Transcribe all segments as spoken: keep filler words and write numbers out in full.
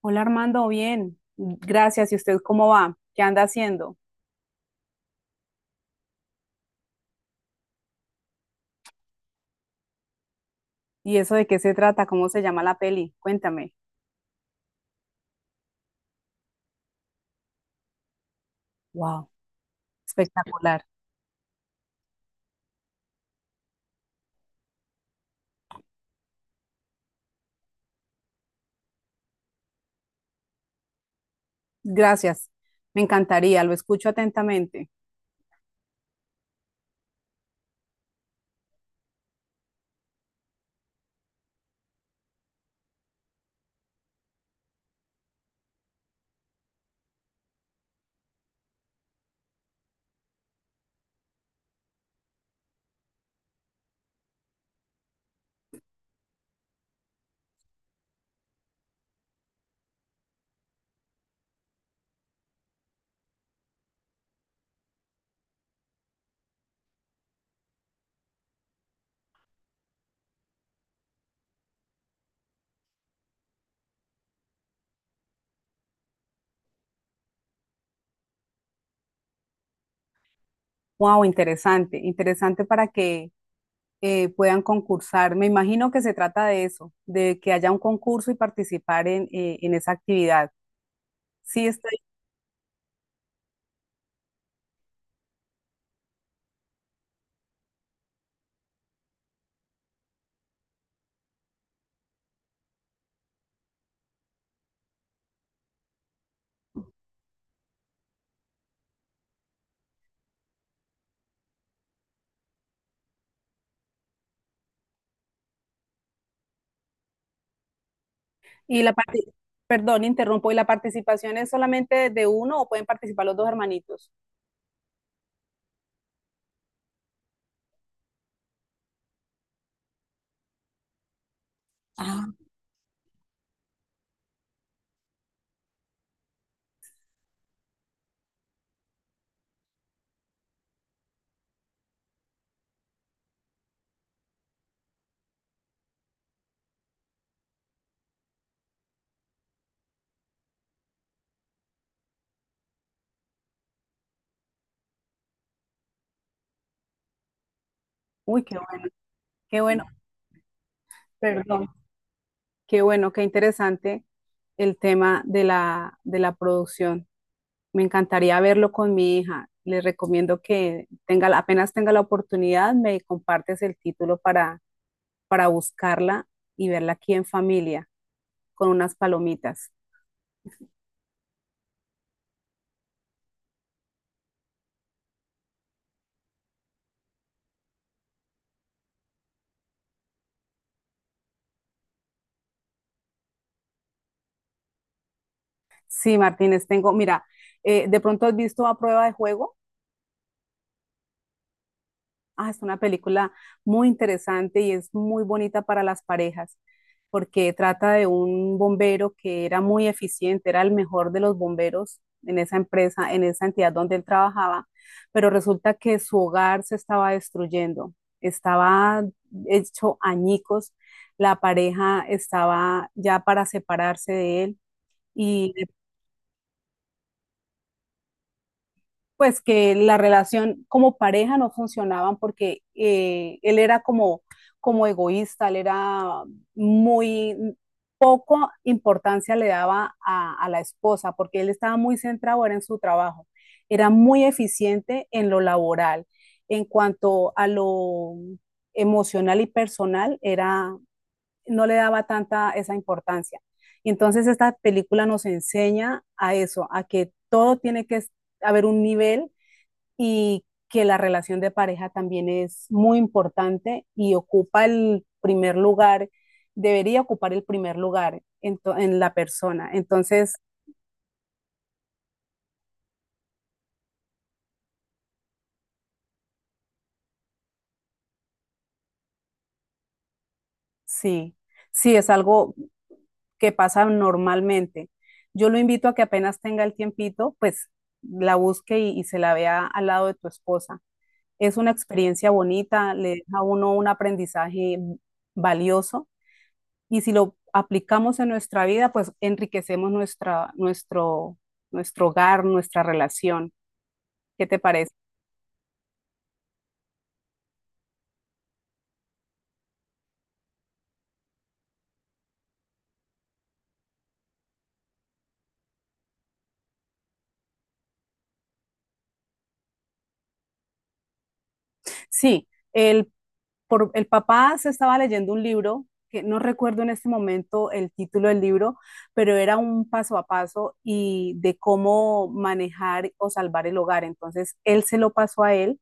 Hola Armando, bien. Gracias. ¿Y usted cómo va? ¿Qué anda haciendo? ¿Y eso de qué se trata? ¿Cómo se llama la peli? Cuéntame. Wow, espectacular. Gracias. Me encantaría, lo escucho atentamente. Wow, interesante, interesante para que eh, puedan concursar. Me imagino que se trata de eso, de que haya un concurso y participar en, eh, en esa actividad. Sí, estoy. Y la parte, perdón, interrumpo. ¿Y la participación es solamente de uno o pueden participar los dos hermanitos? Ah, uy, qué bueno, qué bueno. Perdón, qué bueno, qué interesante el tema de la, de la producción. Me encantaría verlo con mi hija. Le recomiendo que tenga, la- apenas tenga la oportunidad, me compartes el título para, para buscarla y verla aquí en familia con unas palomitas. Sí, Martínez, tengo, mira, eh, ¿de pronto has visto A Prueba de Juego? Ah, es una película muy interesante y es muy bonita para las parejas, porque trata de un bombero que era muy eficiente, era el mejor de los bomberos en esa empresa, en esa entidad donde él trabajaba, pero resulta que su hogar se estaba destruyendo, estaba hecho añicos, la pareja estaba ya para separarse de él y pues que la relación como pareja no funcionaban porque eh, él era como, como egoísta, él era muy poco importancia le daba a, a la esposa porque él estaba muy centrado era en su trabajo, era muy eficiente en lo laboral, en cuanto a lo emocional y personal era no le daba tanta esa importancia. Y entonces esta película nos enseña a eso, a que todo tiene que haber un nivel y que la relación de pareja también es muy importante y ocupa el primer lugar, debería ocupar el primer lugar en, to- en la persona. Entonces, sí, sí, es algo que pasa normalmente. Yo lo invito a que apenas tenga el tiempito, pues la busque y, y se la vea al lado de tu esposa. Es una experiencia bonita, le deja a uno un aprendizaje valioso. Y si lo aplicamos en nuestra vida, pues enriquecemos nuestra, nuestro, nuestro hogar, nuestra relación. ¿Qué te parece? Sí, el, por, el papá se estaba leyendo un libro, que no recuerdo en este momento el título del libro, pero era un paso a paso y de cómo manejar o salvar el hogar. Entonces, él se lo pasó a él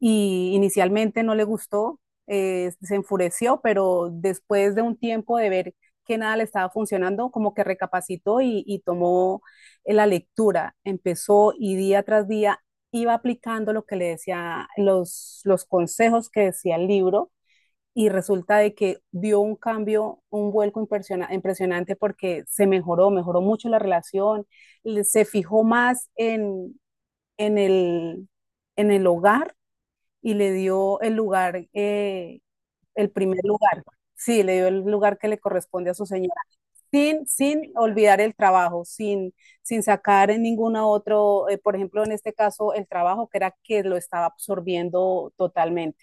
y inicialmente no le gustó, eh, se enfureció, pero después de un tiempo de ver que nada le estaba funcionando, como que recapacitó y, y tomó eh, la lectura, empezó y día tras día iba aplicando lo que le decía, los, los consejos que decía el libro y resulta de que dio un cambio, un vuelco impresiona- impresionante porque se mejoró, mejoró mucho la relación, le- se fijó más en, en el, en el hogar y le dio el lugar, eh, el primer lugar. Sí, le dio el lugar que le corresponde a su señora, sin, sin olvidar el trabajo, sin, sin sacar en ningún otro, eh, por ejemplo, en este caso, el trabajo que era que lo estaba absorbiendo totalmente.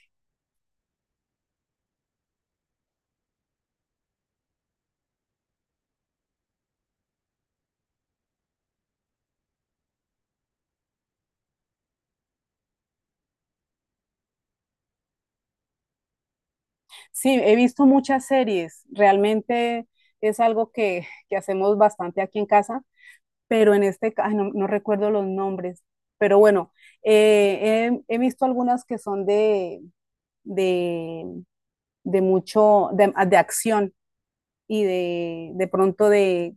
Sí, he visto muchas series, realmente es algo que, que hacemos bastante aquí en casa, pero en este caso, no, no recuerdo los nombres, pero bueno, eh, he, he visto algunas que son de, de de mucho, de, de acción y de, de pronto de,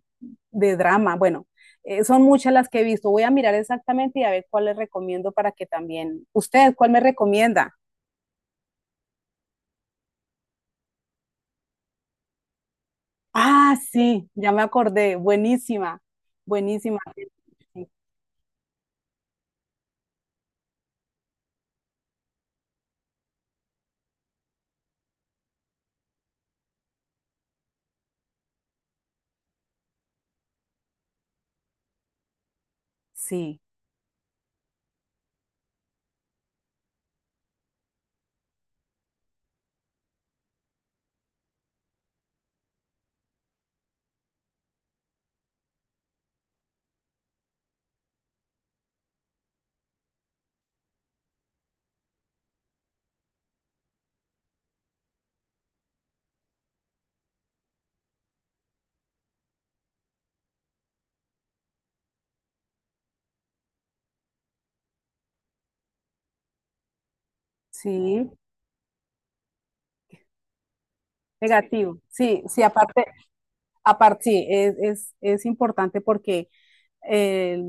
de drama. Bueno, eh, son muchas las que he visto. Voy a mirar exactamente y a ver cuál les recomiendo para que también. ¿Usted cuál me recomienda? Ah, sí, ya me acordé. Buenísima, buenísima. Sí, sí, negativo. Sí, sí, aparte, aparte, sí, es, es, es importante porque eh,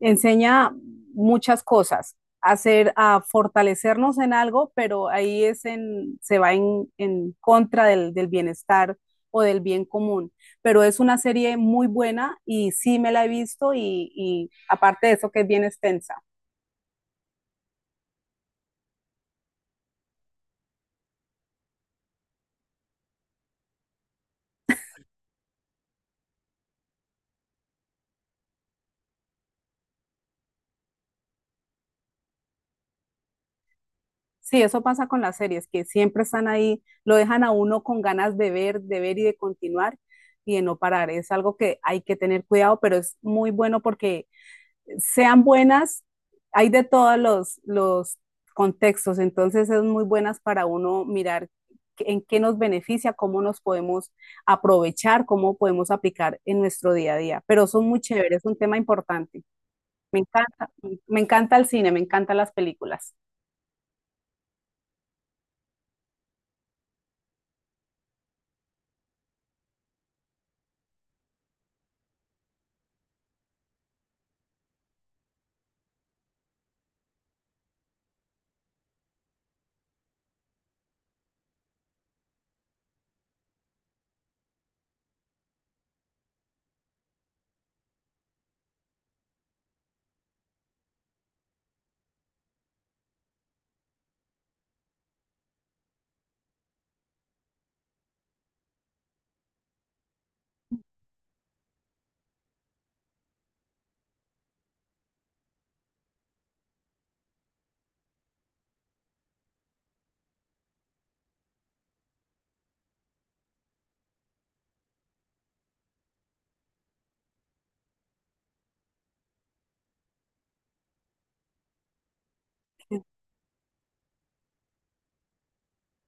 enseña muchas cosas, hacer, a fortalecernos en algo, pero ahí es en, se va en, en contra del, del bienestar o del bien común. Pero es una serie muy buena y sí me la he visto y, y, aparte de eso que es bien extensa. Sí, eso pasa con las series, que siempre están ahí, lo dejan a uno con ganas de ver, de ver y de continuar y de no parar. Es algo que hay que tener cuidado, pero es muy bueno porque sean buenas, hay de todos los, los contextos, entonces es muy buenas para uno mirar en qué nos beneficia, cómo nos podemos aprovechar, cómo podemos aplicar en nuestro día a día. Pero son muy chéveres, es un tema importante. Me encanta, me encanta el cine, me encantan las películas.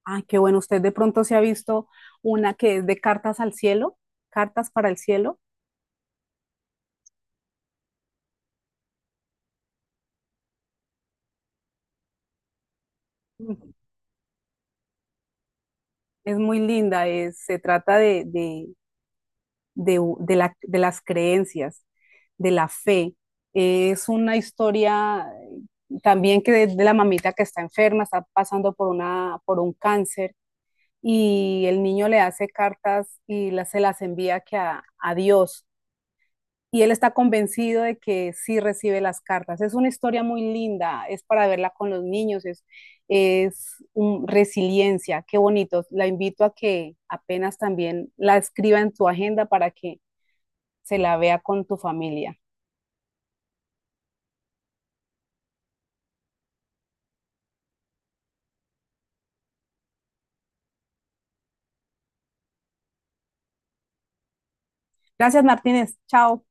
Ay, qué bueno, usted de pronto se ha visto una que es de Cartas al Cielo, Cartas para el Cielo. Es muy linda, es- se trata de, de, de, de, la, de las creencias, de la fe. Es una historia eh, también que de, de, la mamita que está enferma, está pasando por, una, por un cáncer y el niño le hace cartas y la, se las envía que a, a, Dios. Y él está convencido de que sí recibe las cartas. Es una historia muy linda, es para verla con los niños, es, es un, resiliencia, qué bonito. La invito a que apenas también la escriba en tu agenda para que se la vea con tu familia. Gracias, Martínez. Chao.